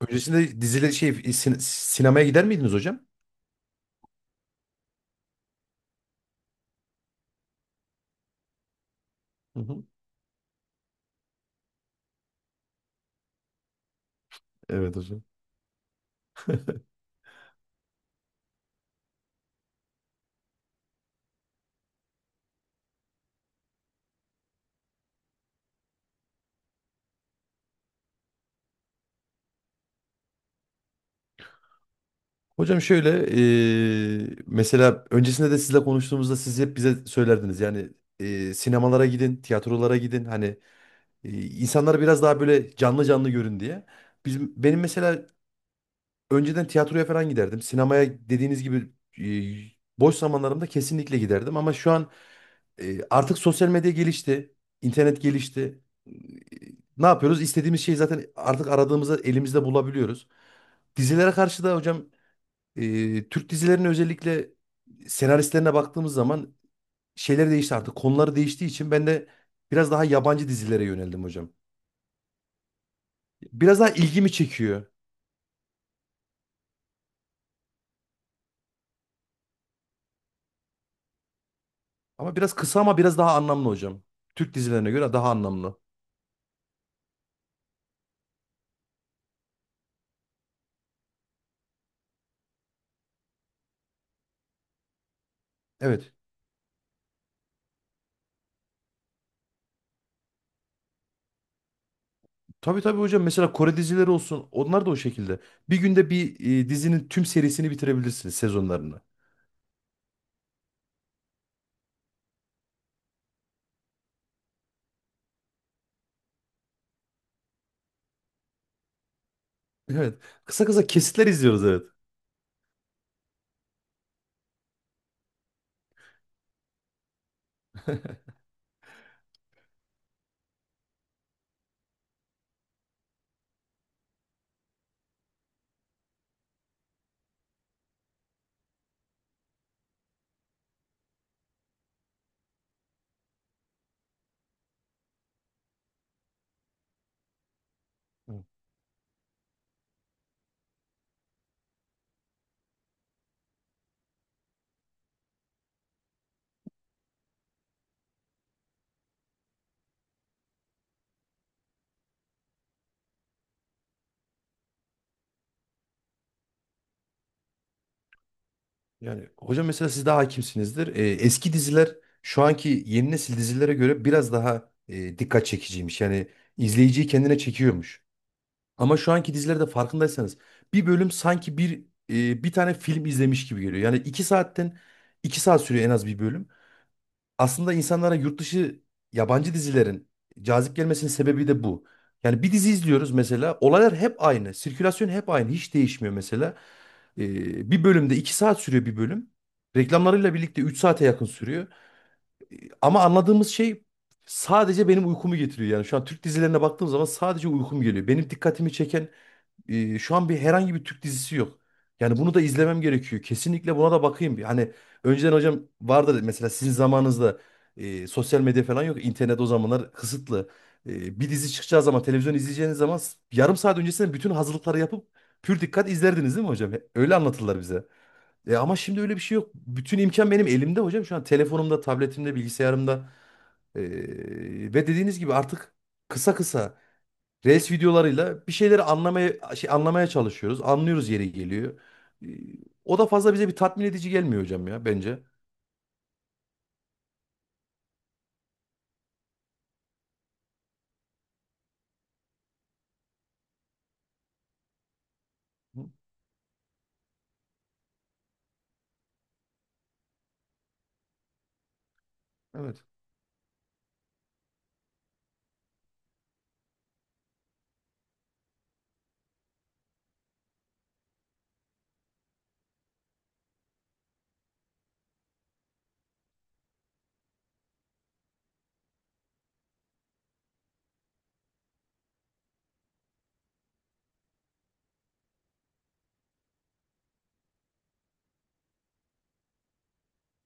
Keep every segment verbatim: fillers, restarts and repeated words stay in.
Öncesinde dizile şey sin- sinemaya gider miydiniz hocam? Hı hı. Evet hocam. Hocam şöyle eee, mesela öncesinde de sizle konuştuğumuzda siz hep bize söylerdiniz yani eee, sinemalara gidin, tiyatrolara gidin, hani eee, insanlar biraz daha böyle canlı canlı görün diye. Bizim benim mesela önceden tiyatroya falan giderdim. Sinemaya dediğiniz gibi e, boş zamanlarımda kesinlikle giderdim. Ama şu an e, artık sosyal medya gelişti. İnternet gelişti. E, Ne yapıyoruz? İstediğimiz şeyi zaten artık aradığımızda elimizde bulabiliyoruz. Dizilere karşı da hocam, e, Türk dizilerinin özellikle senaristlerine baktığımız zaman şeyler değişti artık. Konuları değiştiği için ben de biraz daha yabancı dizilere yöneldim hocam. Biraz daha ilgimi çekiyor. Ama biraz kısa, ama biraz daha anlamlı hocam. Türk dizilerine göre daha anlamlı. Evet. Tabii tabii hocam, mesela Kore dizileri olsun, onlar da o şekilde. Bir günde bir e, dizinin tüm serisini bitirebilirsiniz, sezonlarını. Evet. Kısa kısa kesitler izliyoruz, evet. Hı. Yani hocam mesela siz daha hakimsinizdir. E, eski diziler şu anki yeni nesil dizilere göre biraz daha e, dikkat çekiciymiş. Yani izleyiciyi kendine çekiyormuş. Ama şu anki dizilerde farkındaysanız bir bölüm sanki bir e, bir tane film izlemiş gibi geliyor. Yani iki saatten iki saat sürüyor en az bir bölüm. Aslında insanlara yurt dışı yabancı dizilerin cazip gelmesinin sebebi de bu. Yani bir dizi izliyoruz mesela. Olaylar hep aynı. Sirkülasyon hep aynı. Hiç değişmiyor mesela. Ee, bir bölümde iki saat sürüyor bir bölüm. Reklamlarıyla birlikte üç saate yakın sürüyor. Ee, Ama anladığımız şey sadece benim uykumu getiriyor. Yani şu an Türk dizilerine baktığım zaman sadece uykum geliyor. Benim dikkatimi çeken e, şu an bir herhangi bir Türk dizisi yok. Yani bunu da izlemem gerekiyor. Kesinlikle buna da bakayım bir. Hani önceden hocam vardı mesela, sizin zamanınızda e, sosyal medya falan yok. İnternet o zamanlar kısıtlı. E, bir dizi çıkacağı zaman, televizyon izleyeceğiniz zaman s- yarım saat öncesinden bütün hazırlıkları yapıp pür dikkat izlerdiniz değil mi hocam? Öyle anlatırlar bize. E, ama şimdi öyle bir şey yok. Bütün imkan benim elimde hocam. Şu an telefonumda, tabletimde, bilgisayarımda. E, Ve dediğiniz gibi artık kısa kısa. Reels videolarıyla bir şeyleri anlamaya şey, anlamaya çalışıyoruz. Anlıyoruz yeri geliyor. Ee, O da fazla bize bir tatmin edici gelmiyor hocam ya, bence. Hı. Evet.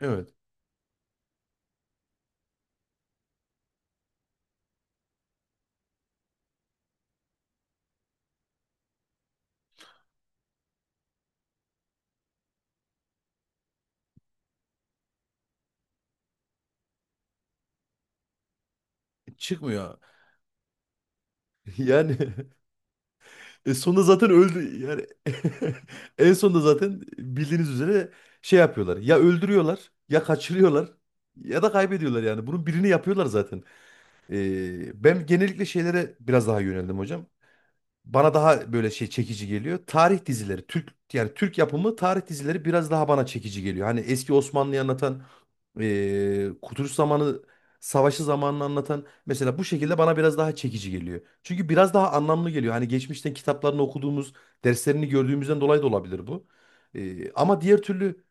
Evet. Çıkmıyor. Yani, e, sonunda zaten öldü. Yani en sonunda zaten bildiğiniz üzere şey yapıyorlar. Ya öldürüyorlar, ya kaçırıyorlar ya da kaybediyorlar yani. Bunun birini yapıyorlar zaten. Ee, ben genellikle şeylere biraz daha yöneldim hocam. Bana daha böyle şey çekici geliyor. Tarih dizileri, Türk yani Türk yapımı tarih dizileri biraz daha bana çekici geliyor. Hani eski Osmanlı'yı anlatan, eee, Kurtuluş zamanı, savaşı zamanını anlatan, mesela bu şekilde bana biraz daha çekici geliyor. Çünkü biraz daha anlamlı geliyor. Hani geçmişten kitaplarını okuduğumuz, derslerini gördüğümüzden dolayı da olabilir bu. Eee, ama diğer türlü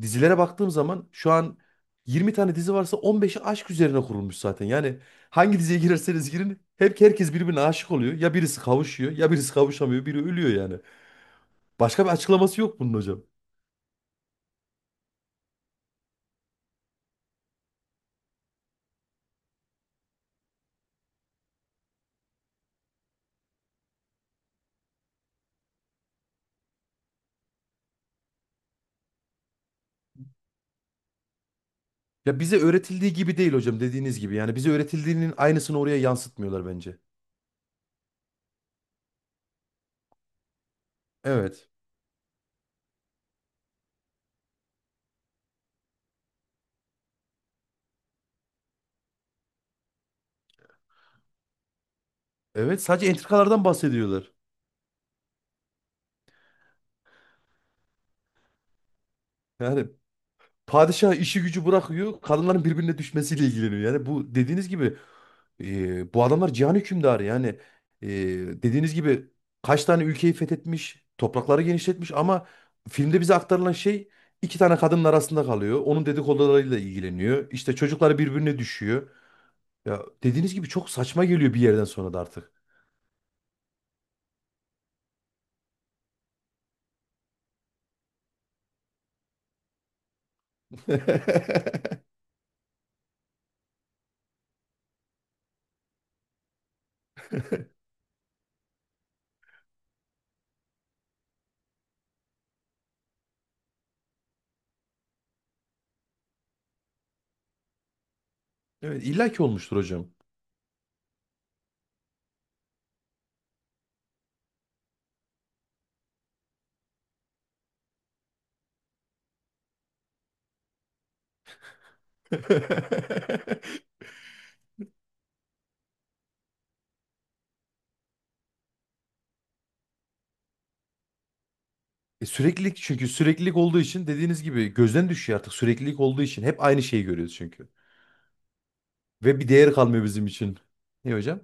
dizilere baktığım zaman şu an yirmi tane dizi varsa on beşi aşk üzerine kurulmuş zaten. Yani hangi diziye girerseniz girin hep herkes birbirine aşık oluyor. Ya birisi kavuşuyor, ya birisi kavuşamıyor, biri ölüyor yani. Başka bir açıklaması yok bunun hocam. Ya bize öğretildiği gibi değil hocam, dediğiniz gibi. Yani bize öğretildiğinin aynısını oraya yansıtmıyorlar bence. Evet. Evet, sadece entrikalardan bahsediyorlar. Yani padişah işi gücü bırakıyor. Kadınların birbirine düşmesiyle ilgileniyor. Yani bu dediğiniz gibi, e, bu adamlar cihan hükümdarı. Yani, e, dediğiniz gibi kaç tane ülkeyi fethetmiş, toprakları genişletmiş, ama filmde bize aktarılan şey iki tane kadının arasında kalıyor. Onun dedikodularıyla ilgileniyor. İşte çocukları birbirine düşüyor. Ya dediğiniz gibi çok saçma geliyor bir yerden sonra da artık. Evet, illaki olmuştur hocam. E, süreklilik çünkü süreklilik olduğu için dediğiniz gibi gözden düşüyor artık, süreklilik olduğu için. Hep aynı şeyi görüyoruz çünkü. Ve bir değer kalmıyor bizim için. Ne hocam?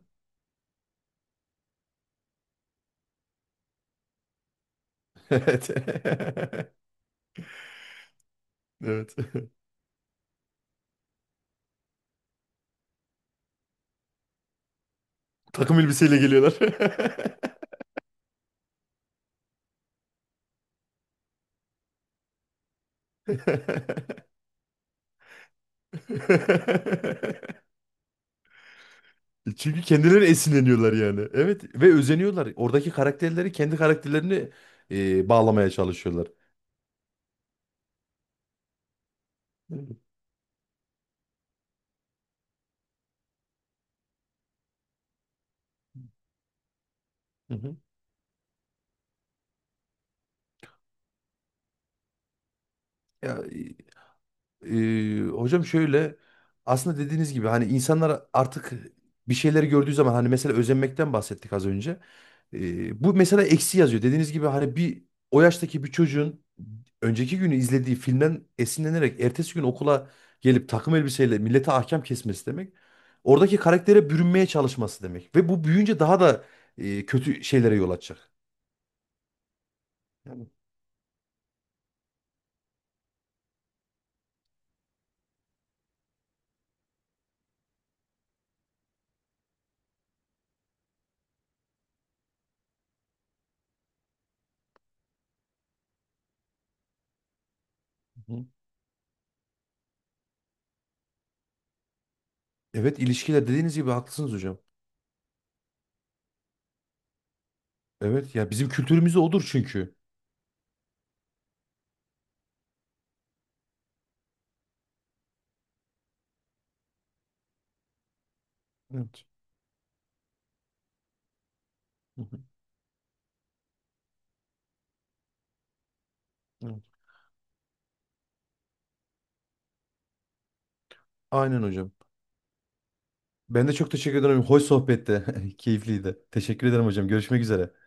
Evet. Evet. Takım elbiseyle geliyorlar. Çünkü kendileri esinleniyorlar yani. Evet ve özeniyorlar. Oradaki karakterleri kendi karakterlerini e, bağlamaya çalışıyorlar. Hı hı. Ya. E, Ee, hocam şöyle, aslında dediğiniz gibi hani insanlar artık bir şeyleri gördüğü zaman, hani mesela özenmekten bahsettik az önce. Ee, bu mesela eksi yazıyor. Dediğiniz gibi hani bir o yaştaki bir çocuğun önceki günü izlediği filmden esinlenerek ertesi gün okula gelip takım elbiseyle millete ahkam kesmesi demek. Oradaki karaktere bürünmeye çalışması demek. Ve bu büyüyünce daha da e, kötü şeylere yol açacak. Yani. Hı. Evet, ilişkiler dediğiniz gibi haklısınız hocam. Evet, ya bizim kültürümüzde odur çünkü. Evet. Hı hı. Evet. Aynen hocam. Ben de çok teşekkür ederim. Hoş sohbette. Keyifliydi. Teşekkür ederim hocam. Görüşmek üzere.